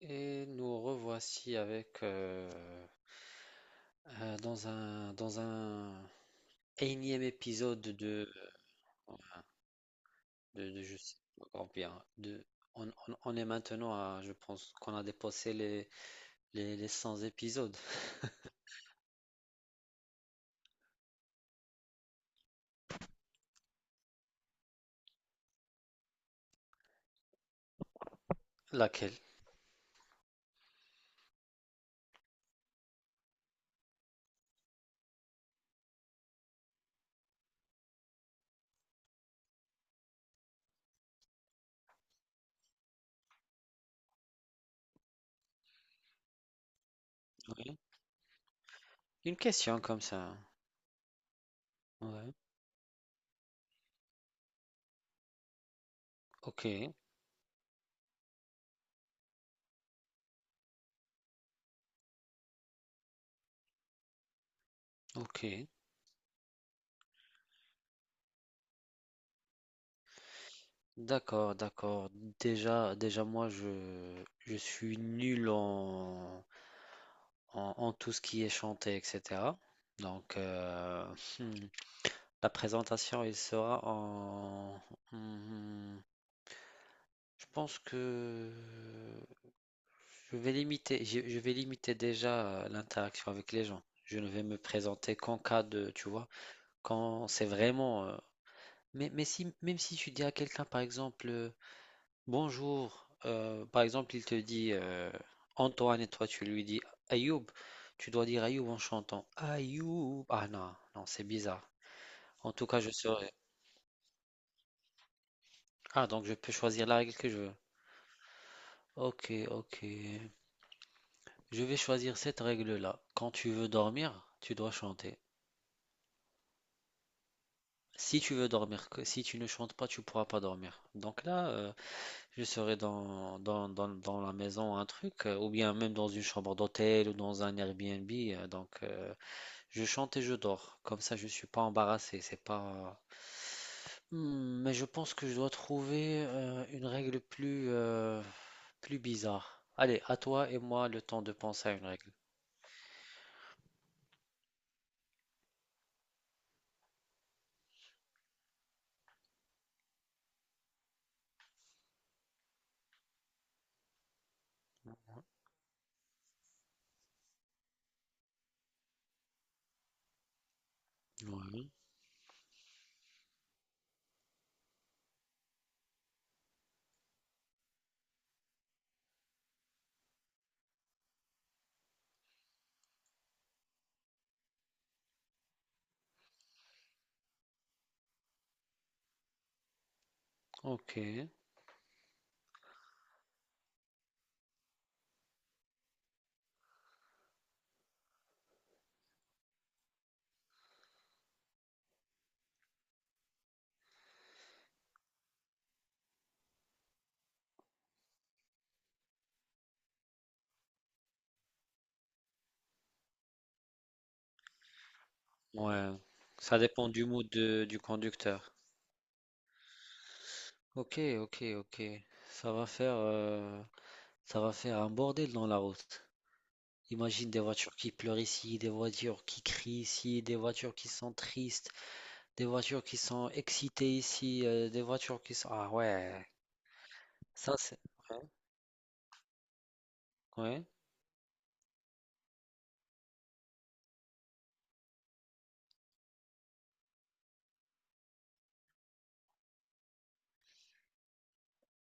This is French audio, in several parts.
Et nous revoici avec dans un énième épisode de je sais pas encore bien de. On est maintenant à, je pense qu'on a dépassé les 100 épisodes. Laquelle? Oui. Une question comme ça. Ouais. Ok, ok, d'accord, d'accord. Déjà, déjà moi je suis nul en en tout ce qui est chanté, etc. Donc, la présentation, il sera en... hmm, je pense que je vais limiter déjà, l'interaction avec les gens. Je ne vais me présenter qu'en cas de, tu vois, quand c'est vraiment. Mais si, même si tu dis à quelqu'un, par exemple, bonjour, par exemple, il te dit, Antoine et toi, tu lui dis Ayoub, tu dois dire Ayoub en chantant Ayoub. Ah non, non, c'est bizarre. En tout cas, je serai. Ah, donc je peux choisir la règle que je veux. Ok, ok. Je vais choisir cette règle-là. Quand tu veux dormir, tu dois chanter. Si tu veux dormir, si tu ne chantes pas, tu pourras pas dormir. Donc là, je serai dans la maison, un truc, ou bien même dans une chambre d'hôtel ou dans un Airbnb. Donc, je chante et je dors. Comme ça, je suis pas embarrassé. C'est pas. Mais je pense que je dois trouver, une règle plus, plus bizarre. Allez, à toi et moi le temps de penser à une règle. Ouais. Ok, ouais, ça dépend du mood du conducteur. Ok, ok, ok, ça va faire, euh, ça va faire un bordel dans la route. Imagine des voitures qui pleurent ici, des voitures qui crient ici, des voitures qui sont tristes, des voitures qui sont excitées ici, des voitures qui sont... Ah ouais, ça c'est... Ouais. Ouais.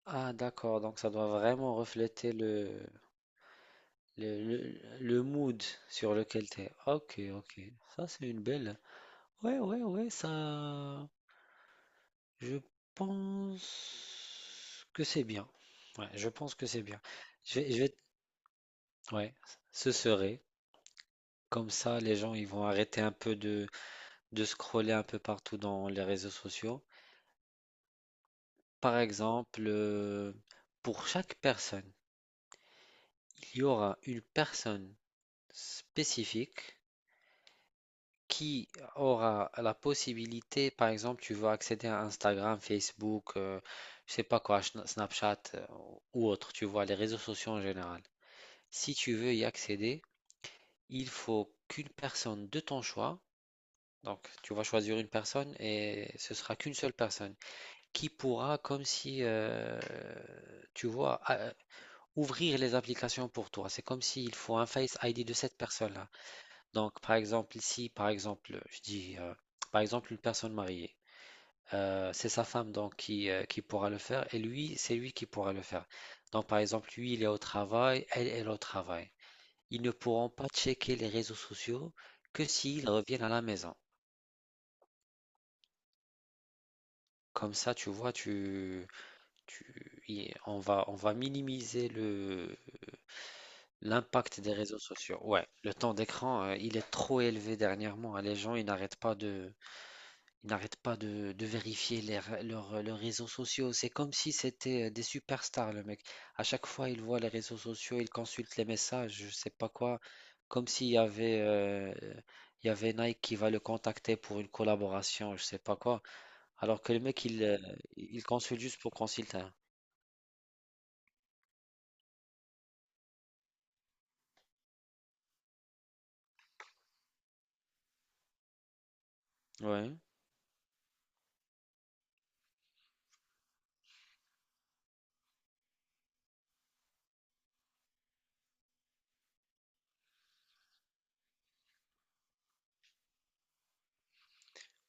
Ah d'accord, donc ça doit vraiment refléter le mood sur lequel t'es. Ok, ok, ça c'est une belle... Ouais, ouais, ouais, ça... Je pense que c'est bien. Ouais, je pense que c'est bien. Je vais, je vais- ouais, ce serait. Comme ça, les gens ils vont arrêter un peu de scroller un peu partout dans les réseaux sociaux. Par exemple, pour chaque personne, il y aura une personne spécifique qui aura la possibilité, par exemple, tu veux accéder à Instagram, Facebook, je sais pas quoi, Snapchat, ou autre, tu vois, les réseaux sociaux en général. Si tu veux y accéder, il faut qu'une personne de ton choix, donc tu vas choisir une personne et ce sera qu'une seule personne qui pourra, comme si, tu vois, ouvrir les applications pour toi. C'est comme s'il faut un Face ID de cette personne-là. Donc, par exemple, si, par exemple, je dis, par exemple, une personne mariée. C'est sa femme donc qui pourra le faire, et lui, c'est lui qui pourra le faire. Donc par exemple, lui, il est au travail, elle, est au travail. Ils ne pourront pas checker les réseaux sociaux que s'ils reviennent à la maison. Comme ça, tu vois, on va minimiser l'impact des réseaux sociaux. Ouais, le temps d'écran, il est trop élevé dernièrement, hein. Les gens, ils n'arrêtent pas de. Ils n'arrêtent pas de vérifier leurs réseaux sociaux. C'est comme si c'était, des superstars, le mec. À chaque fois, il voit les réseaux sociaux, il consulte les messages, je sais pas quoi. Comme s'il y avait Nike qui va le contacter pour une collaboration, je sais pas quoi. Alors que le mec, il consulte juste pour consulter. Ouais.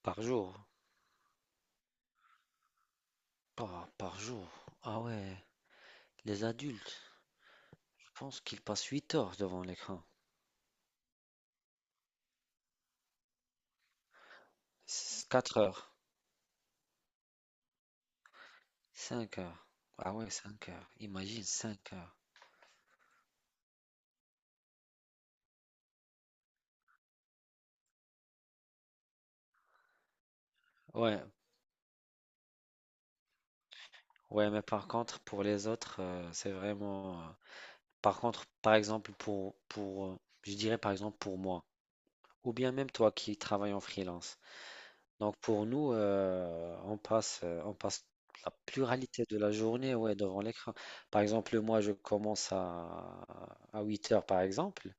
Par jour. Par jour. Ah ouais. Les adultes, je pense qu'ils passent 8 heures devant l'écran. 4 heures. 5 heures. Ah ouais, 5 heures. Imagine 5 heures. Ouais, ouais, mais par contre, pour les autres, c'est vraiment. Par contre, par exemple, je dirais par exemple pour moi, ou bien même toi qui travailles en freelance. Donc pour nous, on passe la pluralité de la journée, ouais, devant l'écran. Par exemple, moi, je commence à 8 heures, par exemple.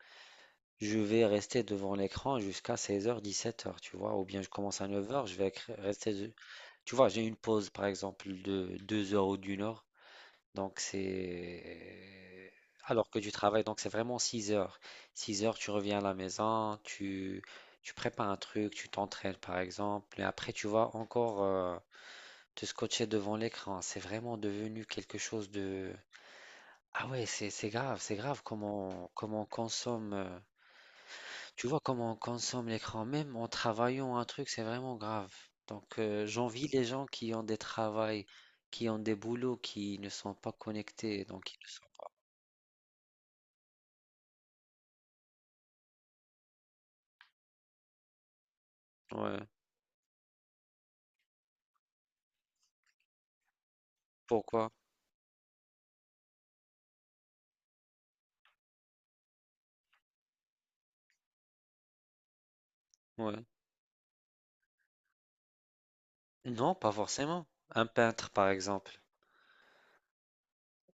Je vais rester devant l'écran jusqu'à 16h, 17h, tu vois, ou bien je commence à 9 heures, je vais rester. Tu vois, j'ai une pause, par exemple, de 2 heures ou d'1 heure, donc c'est. Alors que tu travailles, donc c'est vraiment 6 heures. 6 heures, tu reviens à la maison, tu prépares un truc, tu t'entraînes, par exemple, et après, tu vas encore, te scotcher devant l'écran. C'est vraiment devenu quelque chose de. Ah ouais, c'est grave, c'est grave, comment, comment on consomme. Tu vois comment on consomme l'écran, même en travaillant un truc, c'est vraiment grave. Donc, j'envie les gens qui ont des travails, qui ont des boulots, qui ne sont pas connectés. Donc, ils ne sont- Ouais. Pourquoi? Ouais. Non, pas forcément. Un peintre, par exemple.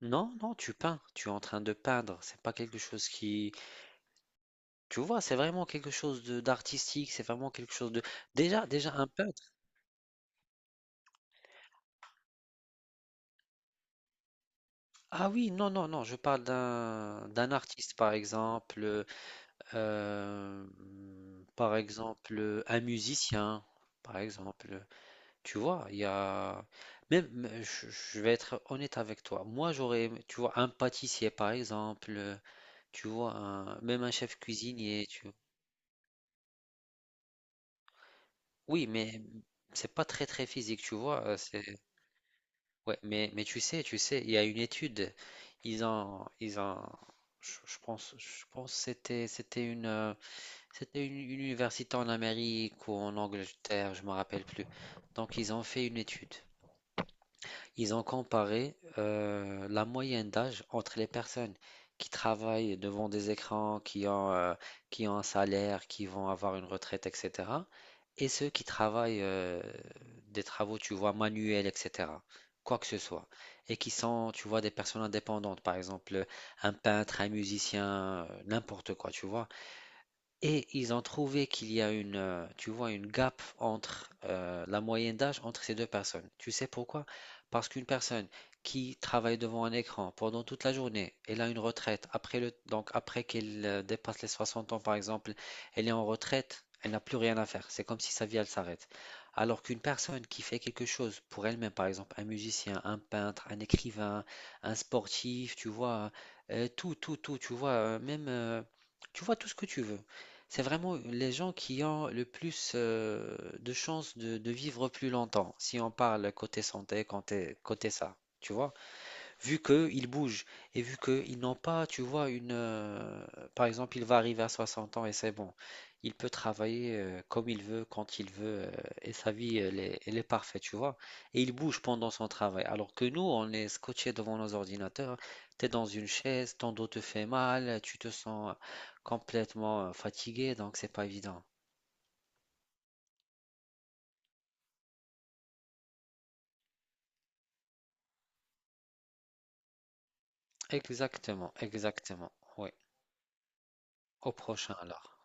Non, non, tu peins, tu es en train de peindre. C'est pas quelque chose qui, tu vois, c'est vraiment quelque chose de d'artistique. C'est vraiment quelque chose de. Déjà, déjà un peintre. Ah oui, non, non, non. Je parle d'un artiste, par exemple. Euh, Par exemple, un musicien, par exemple, tu vois, il y a même, je vais être honnête avec toi. Moi, tu vois, un pâtissier, par exemple, tu vois, même un chef cuisinier, tu. Oui, mais c'est pas très très physique, tu vois. C'est ouais, mais tu sais, il y a une étude. Ils ont, je pense, je pense que c'était une. C'était une université en Amérique ou en Angleterre, je me rappelle plus. Donc ils ont fait une étude. Ils ont comparé, la moyenne d'âge entre les personnes qui travaillent devant des écrans, qui ont un salaire, qui vont avoir une retraite, etc. Et ceux qui travaillent, des travaux, tu vois, manuels, etc. Quoi que ce soit. Et qui sont, tu vois, des personnes indépendantes, par exemple un peintre, un musicien, n'importe quoi, tu vois. Et ils ont trouvé qu'il y a tu vois, une gap entre, la moyenne d'âge entre ces deux personnes. Tu sais pourquoi? Parce qu'une personne qui travaille devant un écran pendant toute la journée, elle a une retraite. Donc, après qu'elle, dépasse les 60 ans, par exemple, elle est en retraite, elle n'a plus rien à faire. C'est comme si sa vie, elle s'arrête. Alors qu'une personne qui fait quelque chose pour elle-même, par exemple, un musicien, un peintre, un écrivain, un sportif, tu vois, tout, tout, tout, tu vois, même, tu vois tout ce que tu veux. C'est vraiment les gens qui ont le plus de chances de vivre plus longtemps, si on parle côté santé, côté ça, tu vois? Vu qu'ils bougent et vu qu'ils n'ont pas, tu vois, une... Par exemple, il va arriver à 60 ans et c'est bon. Il peut travailler, comme il veut, quand il veut, et sa vie, elle est parfaite, tu vois. Et il bouge pendant son travail. Alors que nous, on est scotché devant nos ordinateurs, t'es dans une chaise, ton dos te fait mal, tu te sens complètement, fatigué, donc c'est pas évident. Exactement, exactement. Oui. Au prochain alors.